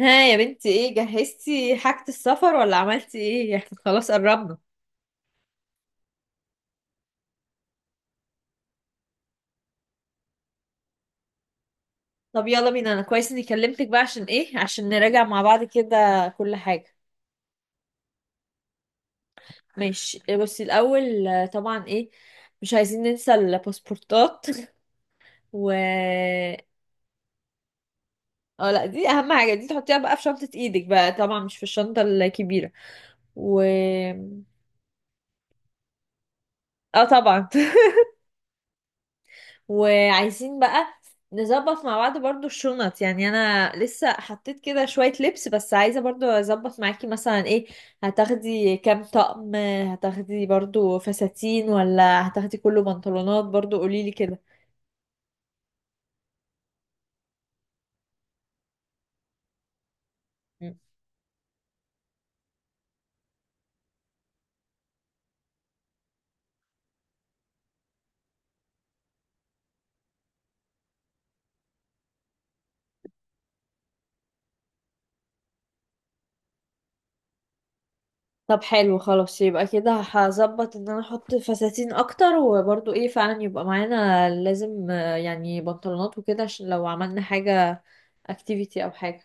ها يا بنتي، ايه جهزتي حاجة السفر ولا عملتي ايه؟ احنا خلاص قربنا. طب يلا بينا، انا كويس اني كلمتك بقى، عشان ايه؟ عشان نراجع مع بعض كده كل حاجة. ماشي، إيه، بصي الاول، طبعا ايه. مش عايزين ننسى الباسبورتات. و اه، لا دي اهم حاجة، دي تحطيها بقى في شنطة ايدك بقى، طبعا مش في الشنطة الكبيرة. و اه، طبعا. وعايزين بقى نظبط مع بعض برضو الشنط، يعني انا لسه حطيت كده شوية لبس، بس عايزة برضو اظبط معاكي مثلا، ايه هتاخدي كام طقم؟ هتاخدي برضو فساتين ولا هتاخدي كله بنطلونات؟ برضو قوليلي كده. مم. طب، حلو خلاص، يبقى كده هظبط ان انا احط فساتين اكتر، وبرضو ايه فعلا يبقى معانا لازم يعني بنطلونات وكده، عشان لو عملنا حاجة اكتيفيتي او حاجة.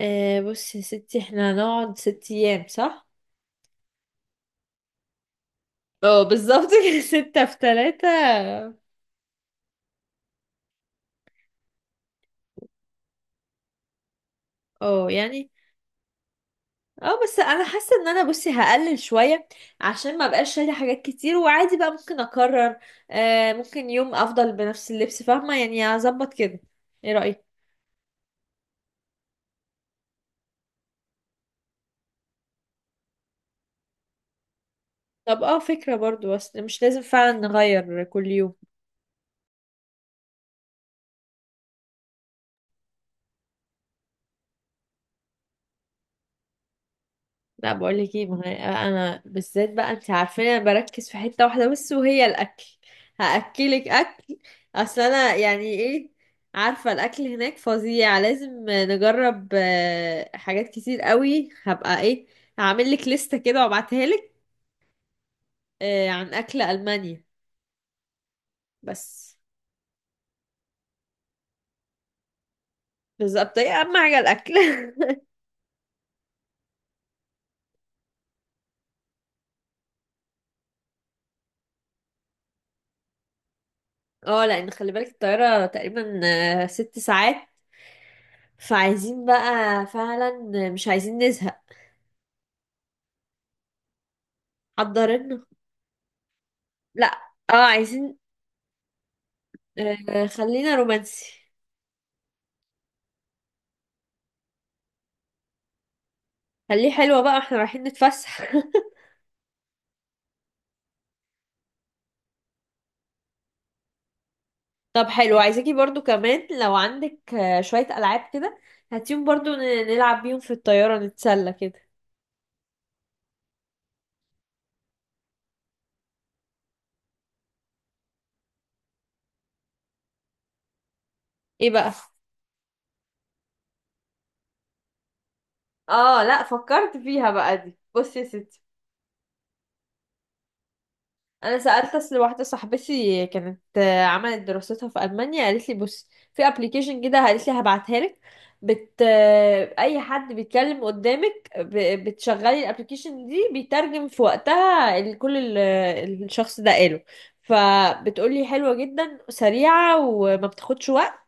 آه، بصي يا ستي، احنا هنقعد 6 ايام، صح؟ اه، بالظبط كده. 6 في 3. اه، يعني. اه، بس انا حاسة ان انا، بصي، هقلل شوية عشان ما بقاش شايلة حاجات كتير، وعادي بقى ممكن اكرر، ممكن يوم افضل بنفس اللبس، فاهمة؟ يعني هظبط كده. ايه رأيك؟ طب، فكرة برضو، بس مش لازم فعلا نغير كل يوم. لا، بقول لك ايه، ما انا بالذات بقى، انت عارفين انا بركز في حته واحده بس وهي الاكل. هاكلك اكل. اصل انا يعني ايه، عارفه الاكل هناك فظيع، لازم نجرب حاجات كتير قوي، هبقى ايه، هعمل لك لسته كده وابعتها لك، عن اكل المانيا. بس بالظبط، ايه اهم حاجه؟ الاكل. اه، لان خلي بالك الطياره تقريبا 6 ساعات، فعايزين بقى فعلا مش عايزين نزهق. حضر. لا. اه، عايزين، خلينا رومانسي. خليه حلوة بقى، احنا رايحين نتفسح. طب حلو، عايزاكي برضو كمان لو عندك شوية ألعاب كده، هاتيهم برضو نلعب بيهم في الطيارة نتسلى كده. ايه بقى؟ اه، لا فكرت فيها بقى، دي بصي يا ستي. انا سالت اصل واحده صاحبتي كانت عملت دراستها في المانيا، قالت لي بص، في ابلكيشن كده، قالت لي هبعتها لك، اي حد بيتكلم قدامك ب... بتشغلي الابلكيشن دي بيترجم في وقتها، كل الشخص ده قاله. فبتقولي حلوه جدا، سريعه وما بتاخدش وقت.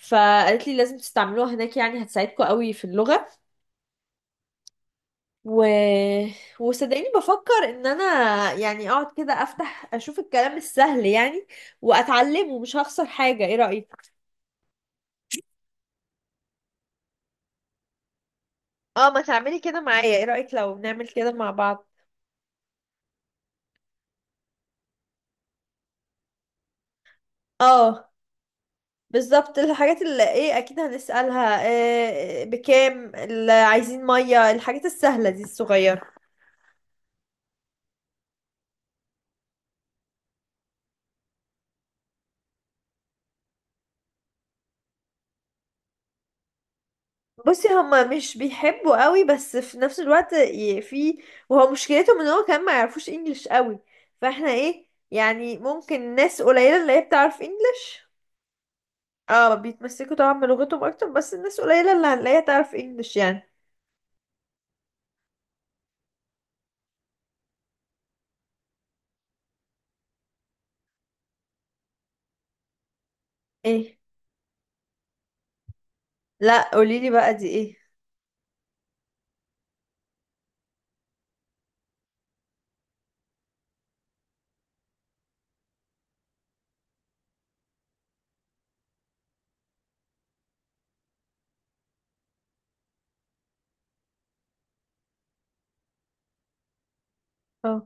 فقالت لي لازم تستعملوها هناك، يعني هتساعدكم قوي في اللغه. و... وصدقيني بفكر ان انا يعني اقعد كده افتح اشوف الكلام السهل، يعني واتعلمه، مش هخسر حاجة. ايه رأيك؟ اه، ما تعملي كده معايا، ايه رأيك لو نعمل كده مع بعض؟ اه، بالظبط الحاجات اللي ايه، اكيد هنسألها إيه، بكام، اللي عايزين مية، الحاجات السهلة دي الصغيرة. بصي، هما مش بيحبوا قوي، بس في نفس الوقت في وهو مشكلتهم ان هو كمان ما يعرفوش انجليش قوي، فاحنا ايه يعني ممكن ناس قليلة اللي هي بتعرف انجليش. اه، بيتمسكوا طبعا بلغتهم اكتر، بس الناس قليلة اللي هنلاقيها تعرف انجليش يعني. ايه، لا قوليلي بقى، دي ايه؟ اه،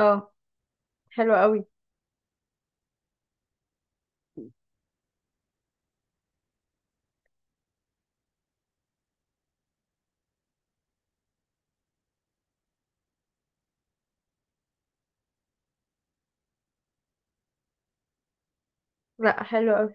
اه، حلو قوي. لا، حلو قوي.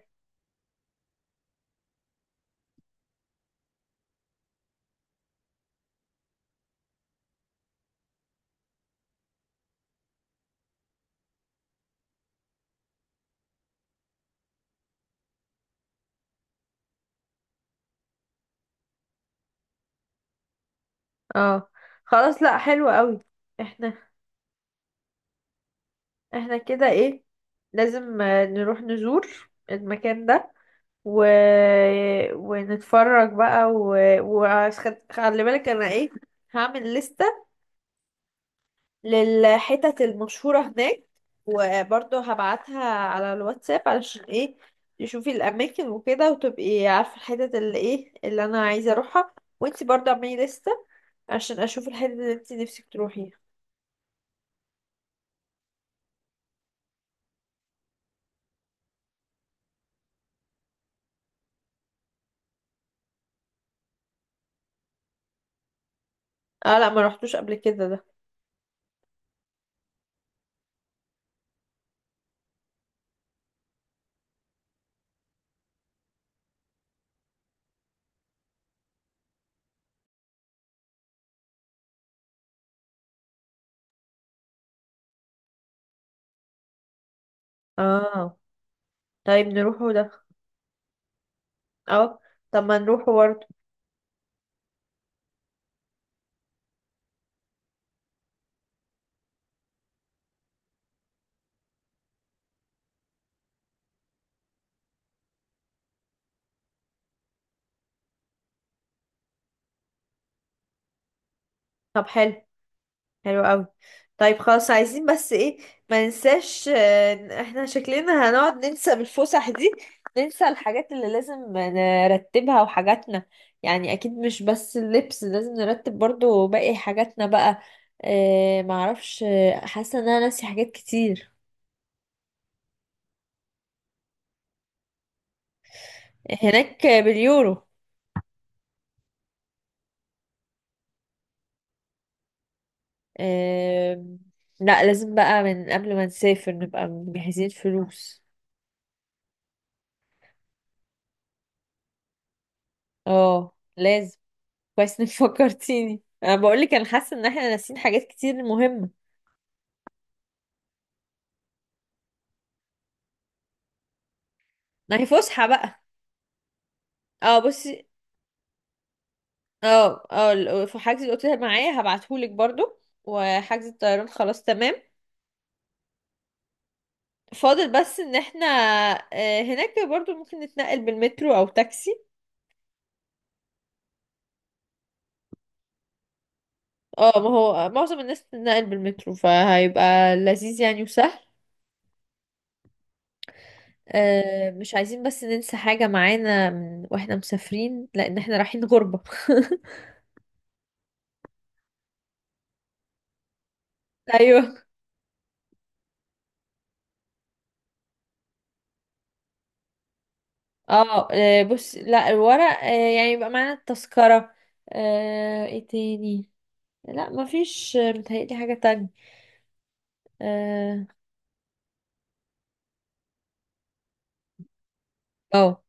اه، خلاص. لا، حلو قوي. احنا احنا كده ايه، لازم نروح نزور المكان ده، و... ونتفرج بقى وخلي خلي بالك انا ايه، هعمل لستة للحتت المشهورة هناك، وبرضه هبعتها على الواتساب، علشان ايه؟ تشوفي الاماكن وكده، وتبقي عارفة الحتت اللي ايه اللي انا عايزة اروحها. وانتي برضه اعملي لستة عشان اشوف الحتت اللي انتي نفسك تروحيها. اه، لا ما رحتوش قبل كده ده. اه. طيب نروحوا ده. اه. طب ما نروحوا برضه. طب حلو. حلو قوي. طيب خلاص، عايزين بس ايه، ما ننساش إن احنا شكلنا هنقعد ننسى بالفسح دي، ننسى الحاجات اللي لازم نرتبها وحاجاتنا. يعني اكيد مش بس اللبس، لازم نرتب برضو باقي حاجاتنا بقى. اه، معرفش، حاسه ان انا ناسي حاجات كتير. هناك باليورو. اه، لا لازم بقى من قبل ما نسافر نبقى مجهزين فلوس. اه، لازم. كويس انك فكرتيني، انا بقول لك انا حاسه ان احنا ناسيين حاجات كتير مهمه. ما هي فسحه بقى. اه، بصي، اه، اه، في حجز الاوتيل معايا، هبعتهولك برضو، وحجز الطيران خلاص تمام. فاضل بس ان احنا هناك برضو ممكن نتنقل بالمترو او تاكسي. اه، ما هو معظم الناس بتتنقل بالمترو، فهيبقى لذيذ يعني وسهل. مش عايزين بس ننسى حاجه معانا واحنا مسافرين، لان احنا رايحين غربه. ايوه. اه، بص، لا الورق، يعني يبقى معانا التذكرة، ايه تاني؟ لا مفيش، متهيألي حاجة تانية. اه. آه.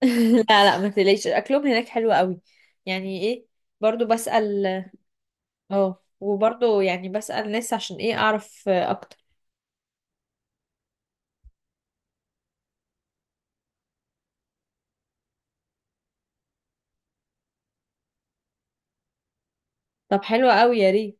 لا، لا، ما تقلقيش اكلهم هناك حلو قوي، يعني ايه، برضو بسأل. اه، وبرضو يعني بسأل ناس، عشان ايه؟ اعرف اكتر. طب حلو قوي، يا ريت.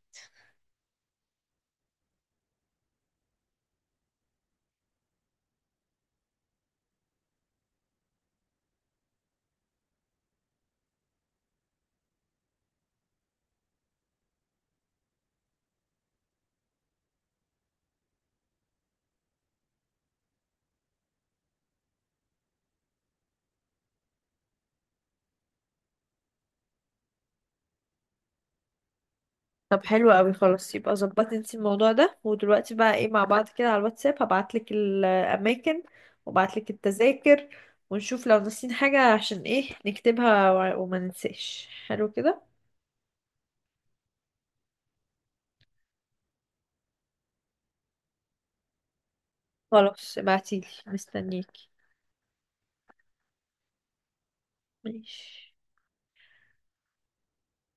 طب حلو قوي. خلاص يبقى ظبطي انتي الموضوع ده، ودلوقتي بقى ايه مع بعض كده على الواتساب هبعتلك الاماكن، وابعتلك التذاكر، ونشوف لو ناسيين حاجة عشان ايه نكتبها وما ننساش، حلو كده. خلاص ابعتيلي، مستنيكي. ماشي.